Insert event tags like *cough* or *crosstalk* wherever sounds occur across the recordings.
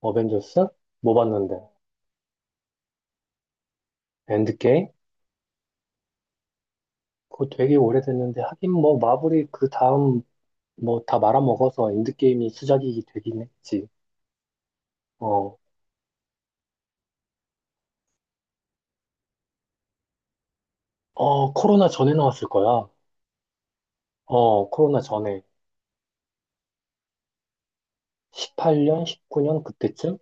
어벤져스? 뭐 봤는데? 엔드게임? 그거 되게 오래됐는데 하긴 뭐 마블이 그 다음 뭐 다 말아먹어서 엔드게임이 수작이 되긴 했지. 어, 어, 코로나 전에 나왔을 거야. 어, 코로나 전에. 18년, 19년 그때쯤?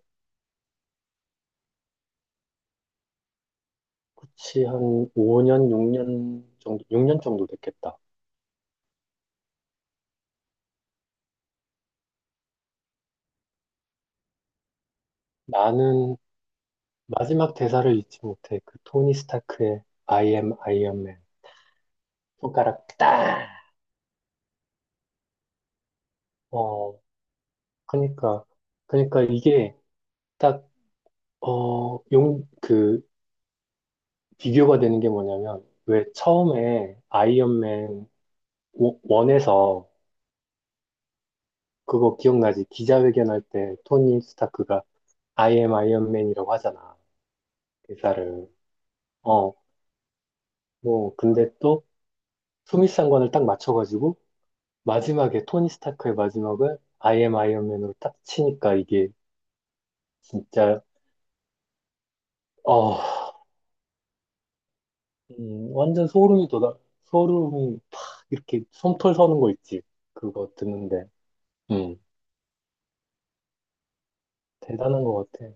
그치, 한 5년, 6년 정도, 6년 정도 됐겠다. 나는 마지막 대사를 잊지 못해. 그 토니 스타크의 I am Iron Man. 손가락 딱! 어, 그니까, 그니까 이게 딱 어, 용, 그, 비교가 되는 게 뭐냐면, 왜 처음에 아이언맨 원- 에서 그거 기억나지? 기자회견할 때 토니 스타크가 I am 아이언맨이라고 하잖아. 대사를. 어, 뭐, 근데 또 수미상관을 딱 맞춰가지고 마지막에 토니 스타크의 마지막을 I am 아이언맨으로 딱 치니까 이게 진짜, 어, 완전 소름이 돋아, 소름이 팍 이렇게 솜털 서는 거 있지. 그거 듣는데. 음. 대단한 것 같아.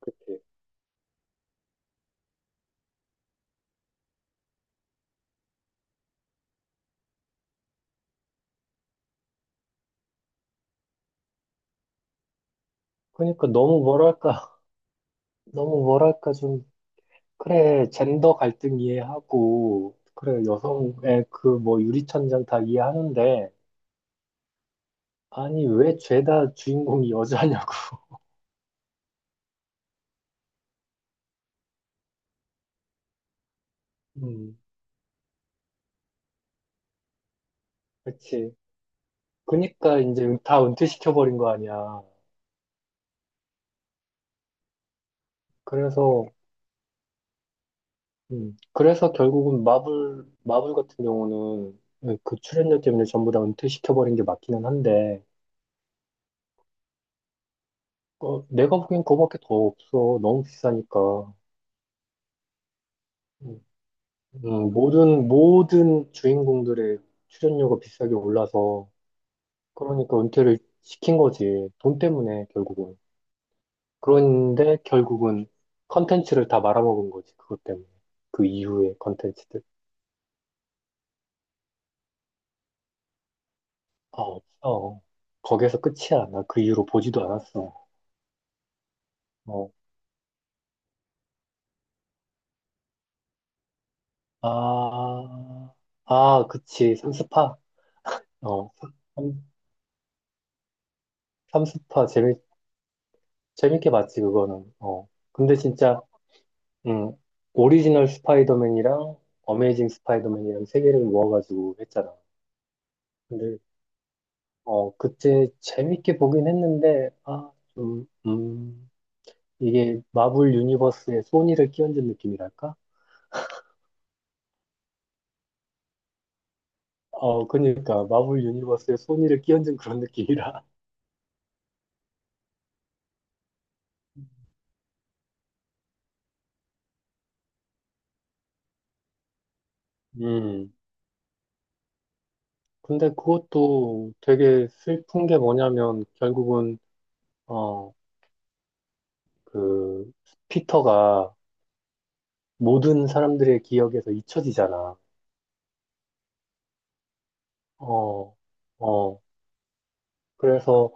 그치. 그러니까 너무 뭐랄까, *laughs* 너무 뭐랄까 좀, 그래, 젠더 갈등 이해하고, 그래, 여성의 그 뭐 유리천장 다 이해하는데, 아니, 왜 죄다 주인공이 여자냐고. *laughs* 음, 그치. 그니까 이제 다 은퇴시켜버린 거 아니야. 그래서, 그래서 결국은 마블 같은 경우는 그 출연료 때문에 전부 다 은퇴시켜버린 게 맞기는 한데, 내가 보기엔 그거밖에 더 없어. 너무 비싸니까. 음. 모든 주인공들의 출연료가 비싸게 올라서, 그러니까 은퇴를 시킨 거지. 돈 때문에, 결국은. 그런데 결국은 컨텐츠를 다 말아먹은 거지. 그것 때문에. 그 이후의 컨텐츠들. 아, 없어. 거기에서 끝이야. 나 그 이후로 보지도 않았어. 어. 아, 아, 그치. 삼스파. 어, 삼스파. 재밌게 봤지, 그거는. 어. 근데 진짜, 음, 오리지널 스파이더맨이랑 어메이징 스파이더맨이랑 세 개를 모아가지고 했잖아. 근데 그때 재밌게 보긴 했는데 아 좀 이게 마블 유니버스에 소니를 끼얹은 느낌이랄까? 어 그러니까 마블 유니버스에 소니를 끼얹은 그런 느낌이라. *laughs* 음 근데 그것도 되게 슬픈 게 뭐냐면 결국은 어 그 피터가 모든 사람들의 기억에서 잊혀지잖아. 어 어. 그래서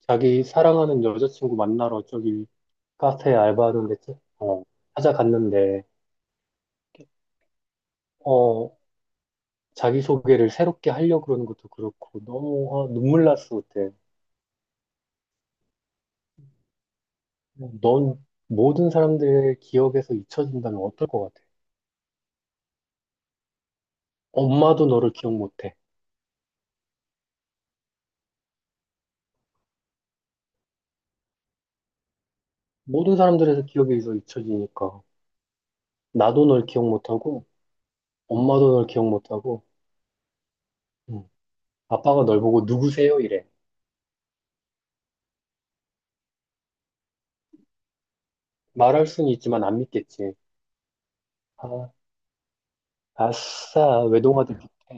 자기 사랑하는 여자친구 만나러 저기 카페 알바하는데 어, 찾아갔는데 어, 자기소개를 새롭게 하려고 그러는 것도 그렇고 너무 아, 눈물 났어 그때. 넌 모든 사람들의 기억에서 잊혀진다면 어떨 것 같아? 엄마도 너를 기억 못해. 모든 사람들에서 기억에서 잊혀지니까 나도 널 기억 못하고 엄마도 널 기억 못하고 음, 아빠가 널 보고 누구세요? 이래. 말할 수는 있지만 안 믿겠지. 아, 아싸, 외동아들 같아.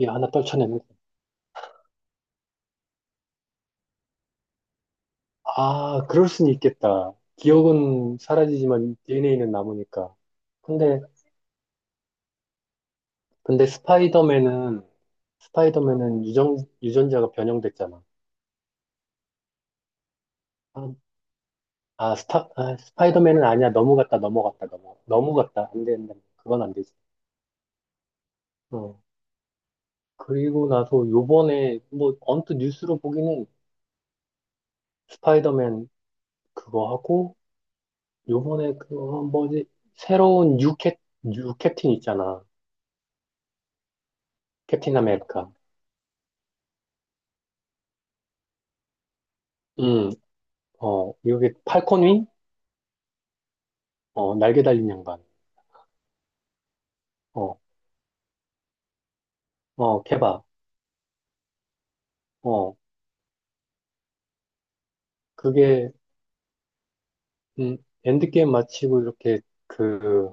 예, 하나 떨쳐내면. 아, 그럴 수는 있겠다. 기억은 사라지지만 DNA는 남으니까. 근데, 근데 스파이더맨은 유전자가 변형됐잖아. 아, 스파이더맨은 아니야. 넘어갔다, 넘어갔다, 넘어. 넘어갔다. 안 된다. 그건 안 되지. 어. 그리고 나서 요번에, 뭐, 언뜻 뉴스로 보기는 스파이더맨 그거 하고, 요번에 그거 뭐지, 새로운 뉴 캡틴 있잖아. 캡틴 아메리카. 음. 어, 미국의 팔콘윙? 어, 날개 달린 양반. 어, 어, 케밥. 어, 그게, 음, 엔드게임 마치고 이렇게 그,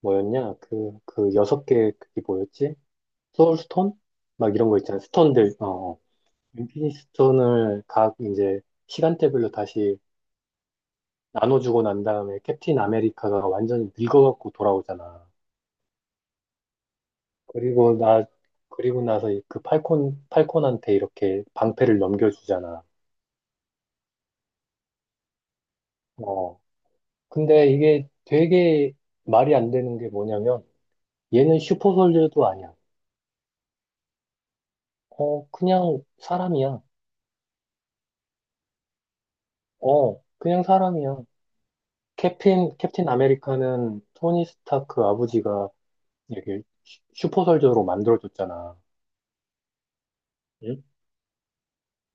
뭐였냐? 그 여섯 개, 그게 뭐였지? 소울스톤? 막 이런 거 있잖아. 스톤들, 어, 어. 인피니티 스톤을 각 이제 시간대별로 다시 나눠주고 난 다음에 캡틴 아메리카가 완전히 늙어갖고 돌아오잖아. 그리고 나, 그리고 나서 이그 팔콘한테 이렇게 방패를 넘겨주잖아. 어, 근데 이게 되게 말이 안 되는 게 뭐냐면 얘는 슈퍼솔저도 아니야. 어, 그냥 사람이야. 어, 그냥 사람이야. 캡틴 아메리카는 토니 스타크 아버지가 이렇게 슈퍼솔저로 만들어줬잖아. 응?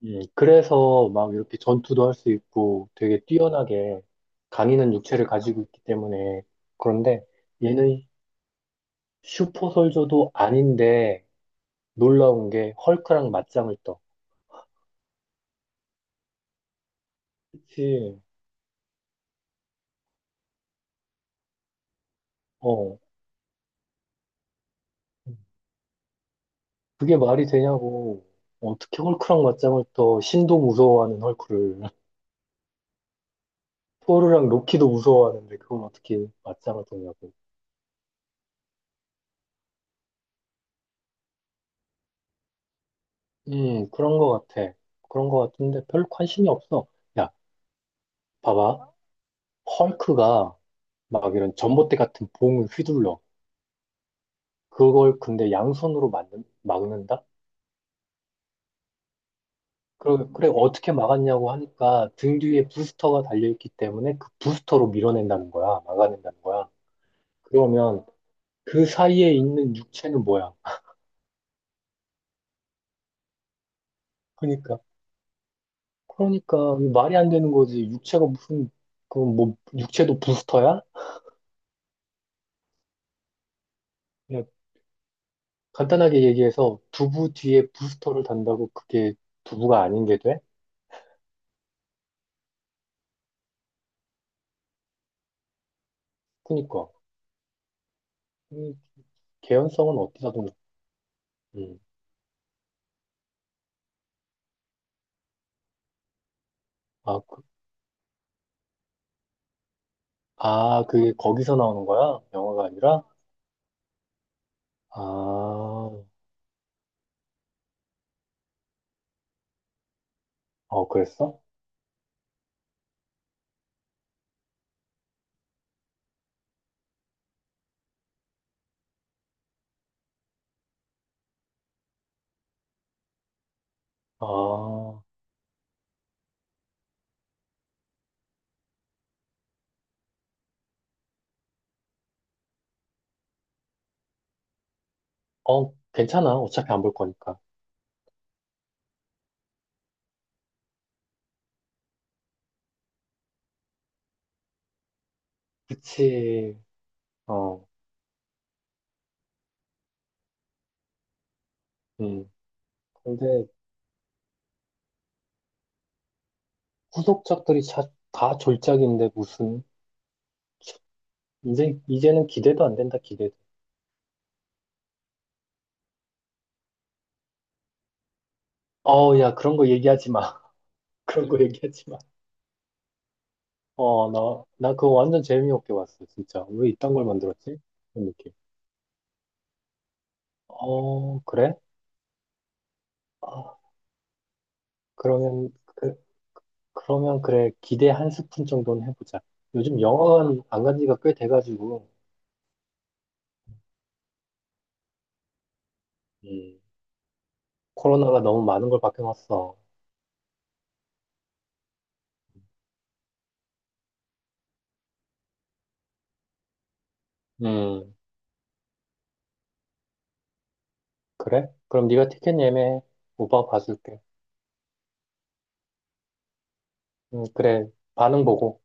그래서 막 이렇게 전투도 할 수 있고 되게 뛰어나게 강인한 육체를 가지고 있기 때문에 그런데 얘는 슈퍼솔저도 아닌데 놀라운 게 헐크랑 맞짱을 떠. 그치. 어, 그게 말이 되냐고. 어떻게 헐크랑 맞짱을 떠 신도 무서워하는 헐크를. *laughs* 토르랑 로키도 무서워하는데 그걸 어떻게 맞짱을 떠냐고. 그런 거 같아. 그런 거 같은데 별 관심이 없어. 야, 봐봐. 헐크가 막 이런 전봇대 같은 봉을 휘둘러. 그걸 근데 양손으로 막는다? 그래, 그래, 어떻게 막았냐고 하니까 등 뒤에 부스터가 달려있기 때문에 그 부스터로 밀어낸다는 거야. 막아낸다는 거야. 그러면 그 사이에 있는 육체는 뭐야? 그러니까, 그러니까 이게 말이 안 되는 거지. 육체가 무슨 그 뭐 육체도 부스터야? 그냥 간단하게 얘기해서 두부 뒤에 부스터를 단다고 그게 두부가 아닌 게 돼? 그러니까 이 개연성은 어디다 둔? 음. 아, 그, 그게 거기서 나오는 거야? 영화가 아니라? 아, 어, 그랬어? 아, 어, 괜찮아. 어차피 안 볼 거니까. 그치. 어, 음. 근데 후속작들이 다 졸작인데 무슨 이제는 기대도 안 된다 기대도. 어, 야 그런 거 얘기하지 마. *laughs* 그런 거 얘기하지 마. 어, 나 그거 완전 재미없게 봤어 진짜. 왜 이딴 걸 만들었지? 그런 느낌. 어, 그래? 아, 그러면 그 그러면 그래 기대 한 스푼 정도는 해보자. 요즘 영화관 안 간 지가 꽤 돼가지고 음, 코로나가 너무 많은 걸 바뀌었어. 음, 그래? 그럼 네가 티켓 예매해. 오빠가 봐줄게. 그래. 반응 보고.